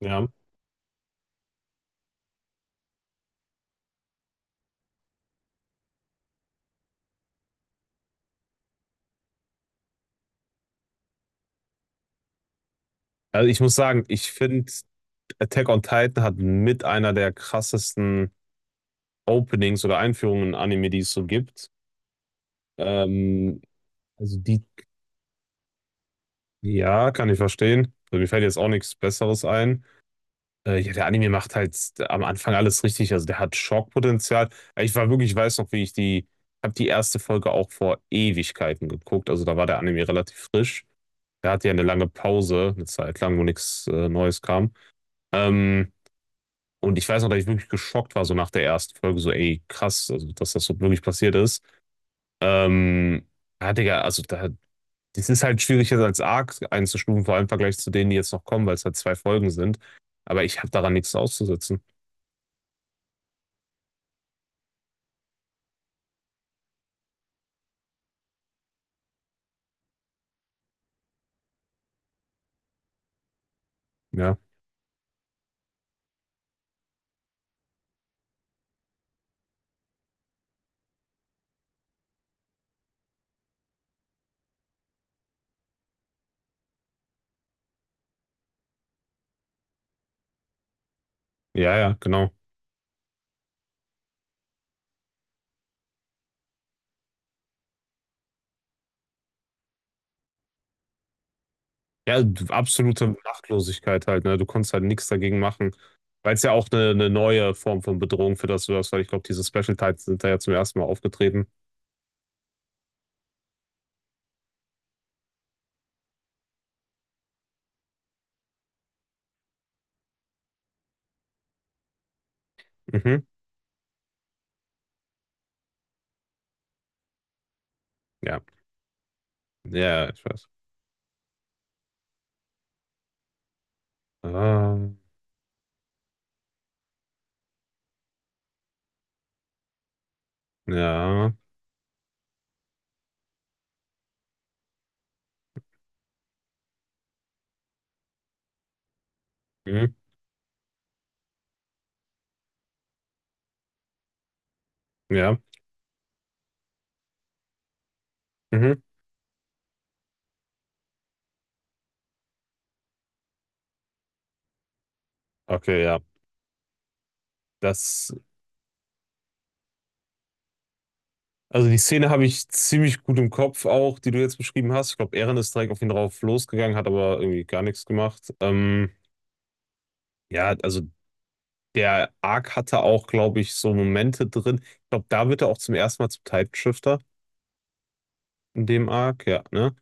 Ja. Also ich muss sagen, ich finde, Attack on Titan hat mit einer der krassesten Openings oder Einführungen in Anime, die es so gibt. Ähm, also die, ja, kann ich verstehen. Also mir fällt jetzt auch nichts Besseres ein. Ja, der Anime macht halt am Anfang alles richtig. Also der hat Schockpotenzial. Ich war wirklich, ich weiß noch, wie ich die, Habe die erste Folge auch vor Ewigkeiten geguckt. Also da war der Anime relativ frisch. Der hatte ja eine lange Pause, eine Zeit lang, wo nichts Neues kam. Ähm, Und ich weiß noch, dass ich wirklich geschockt war, so nach der ersten Folge, so, ey, krass, also, dass das so wirklich passiert ist. Ähm, ja, Digga, das ist halt schwierig, jetzt als Arc einzustufen, vor allem im Vergleich zu denen, die jetzt noch kommen, weil es halt 2 Folgen sind. Aber ich habe daran nichts auszusetzen. Ja, ja, ja, genau. Ja, absolute Machtlosigkeit halt, ne? Du konntest halt nichts dagegen machen. Weil es ja auch eine neue Form von Bedrohung für das du hast, weil ich glaube, diese Special Tides sind da ja zum ersten Mal aufgetreten. Mhm. Ja. Ja, ich weiß. Ah, ja. Mhm. Ja. Mhm. Okay, ja. Das, also die Szene habe ich ziemlich gut im Kopf auch, die du jetzt beschrieben hast. Ich glaube, Eren ist direkt auf ihn drauf losgegangen, hat aber irgendwie gar nichts gemacht. Ja, also der Arc hatte auch, glaube ich, so Momente drin. Ich glaube, da wird er auch zum ersten Mal zum Titanshifter in dem Arc, ja, ne?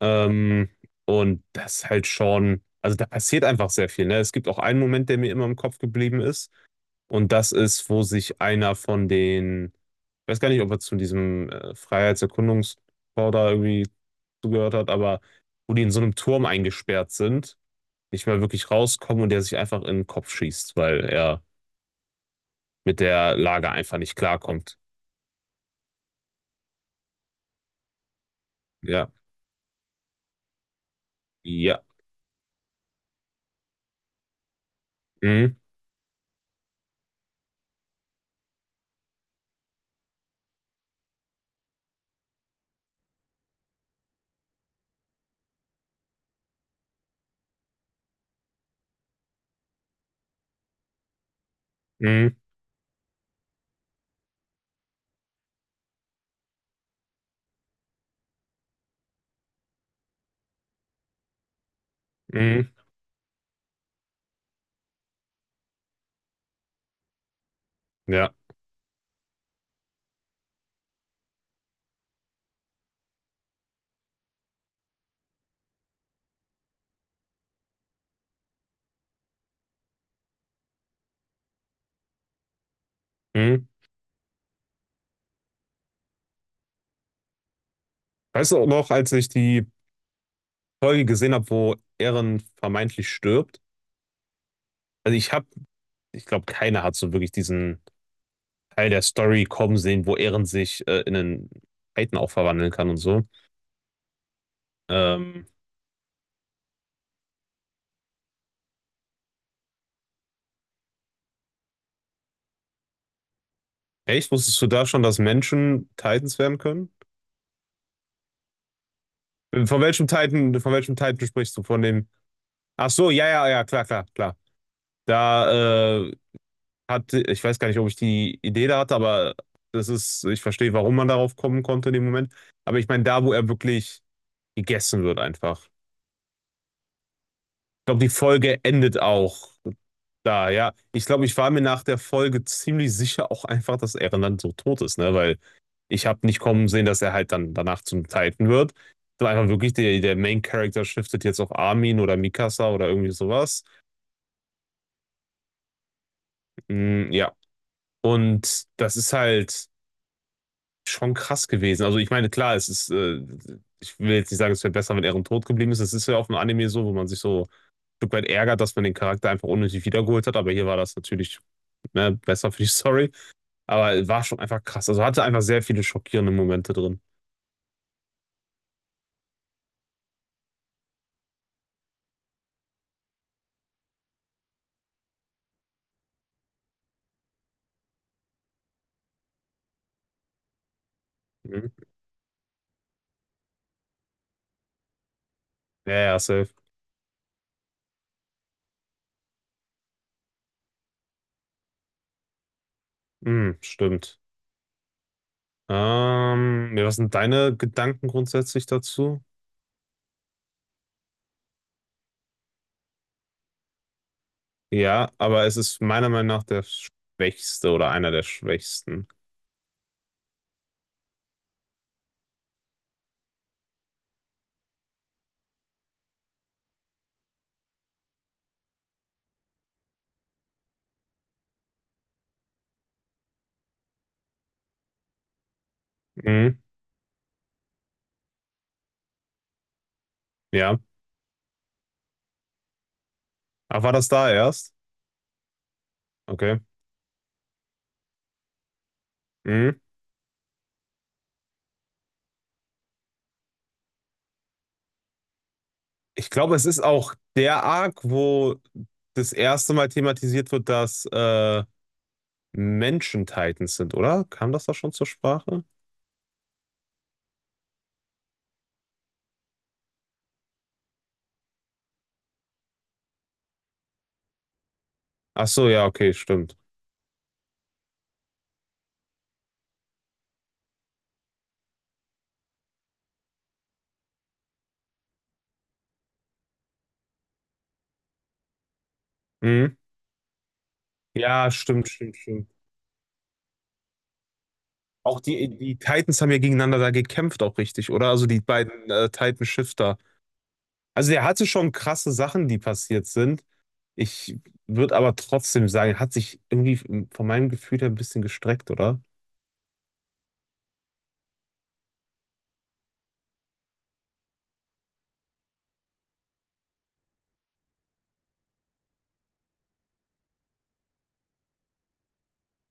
Ähm, und das halt schon, also da passiert einfach sehr viel, ne? Es gibt auch einen Moment, der mir immer im Kopf geblieben ist. Und das ist, wo sich einer von den Ich weiß gar nicht, ob er zu diesem Freiheitserkundungschor da irgendwie zugehört hat, aber wo die in so einem Turm eingesperrt sind, nicht mehr wirklich rauskommen und der sich einfach in den Kopf schießt, weil er mit der Lage einfach nicht klarkommt. Ja, ja, mhm, mhm, mhm, ja, mhm. Weißt du auch noch, als ich die Folge gesehen habe, wo Eren vermeintlich stirbt? Also ich habe, Ich glaube, keiner hat so wirklich diesen Teil der Story kommen sehen, wo Eren sich in einen Titan auch verwandeln kann und so. Ähm, Echt? Wusstest du da schon, dass Menschen Titans werden können? Von welchem Titan sprichst du? Von dem. Ach so, ja, ja, ja, klar, klar, klar. Da hatte, ich weiß gar nicht, ob ich die Idee da hatte, aber das ist, ich verstehe, warum man darauf kommen konnte in dem Moment. Aber ich meine, da, wo er wirklich gegessen wird, einfach. Ich glaube, die Folge endet auch da, ja. Ich glaube, ich war mir nach der Folge ziemlich sicher auch einfach, dass er dann so tot ist, ne? Weil ich habe nicht kommen sehen, dass er halt dann danach zum Titan wird. Sondern einfach wirklich, der Main Character shiftet jetzt auf Armin oder Mikasa oder irgendwie sowas. Mm, ja. Und das ist halt schon krass gewesen. Also ich meine, klar, es ist, ich will jetzt nicht sagen, es wäre besser, wenn Eren tot geblieben ist. Es ist ja auch im Anime so, wo man sich so ein Stück weit ärgert, dass man den Charakter einfach unnötig wiedergeholt hat. Aber hier war das natürlich, ne, besser für die Story. Aber war schon einfach krass. Also hatte einfach sehr viele schockierende Momente drin. Mhm. Ja, ja, safe. Mhm, stimmt. Ja, was sind deine Gedanken grundsätzlich dazu? Ja, aber es ist meiner Meinung nach der schwächste oder einer der schwächsten. Mhm, ja. Ach, war das da erst? Okay. Mhm. Ich glaube, es ist auch der Arc, wo das erste Mal thematisiert wird, dass Menschen Titans sind, oder? Kam das da schon zur Sprache? Ach so, ja, okay, stimmt. Mhm. Ja, stimmt, stimmt, stimmt. Auch die Titans haben ja gegeneinander da gekämpft, auch richtig, oder? Also die beiden Titan-Shifter. Also er hatte schon krasse Sachen, die passiert sind. Ich würde aber trotzdem sagen, er hat sich irgendwie von meinem Gefühl her ein bisschen gestreckt, oder?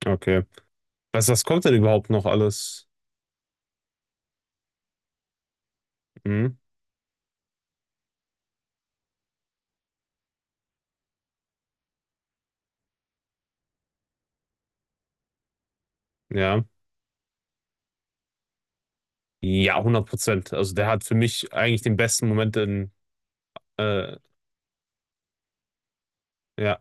Okay. Was, was kommt denn überhaupt noch alles? Hm? Ja. Ja, 100%. Also der hat für mich eigentlich den besten Moment in, äh, ja.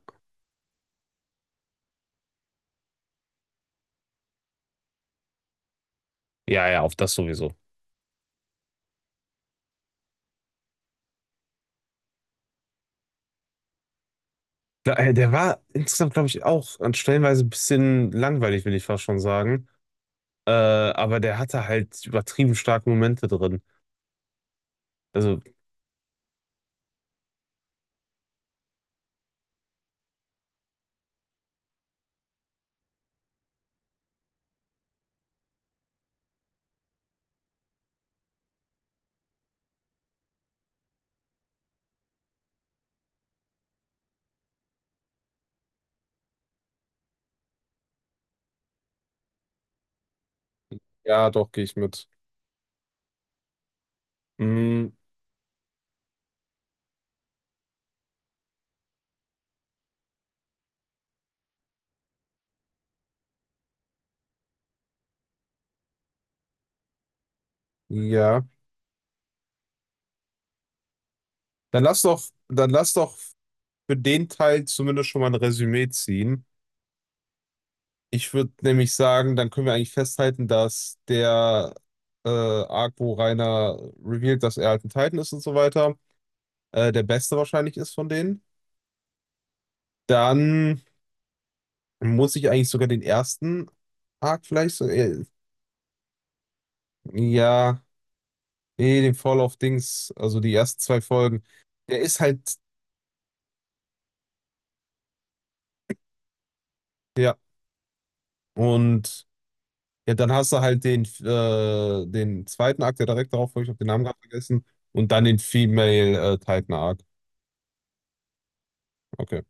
Ja, ja, auf das sowieso. Der war insgesamt, glaube ich, auch an stellenweise ein bisschen langweilig, will ich fast schon sagen. Aber der hatte halt übertrieben starke Momente drin. Also, ja, doch, gehe ich mit. mh, Ja. Dann lass doch, Dann lass doch für den Teil zumindest schon mal ein Resümee ziehen. Ich würde nämlich sagen, dann können wir eigentlich festhalten, dass der Arc, wo Reiner revealed, dass er halt ein Titan ist und so weiter, der beste wahrscheinlich ist von denen. Dann muss ich eigentlich sogar den ersten Arc vielleicht so, ja, nee, den Fall of Dings, also die ersten 2 Folgen, der ist halt, ja, und ja, dann hast du halt den, den zweiten Arc, der direkt darauf folgt, ich habe den Namen gerade vergessen, und dann den Female, Titan Arc. Okay.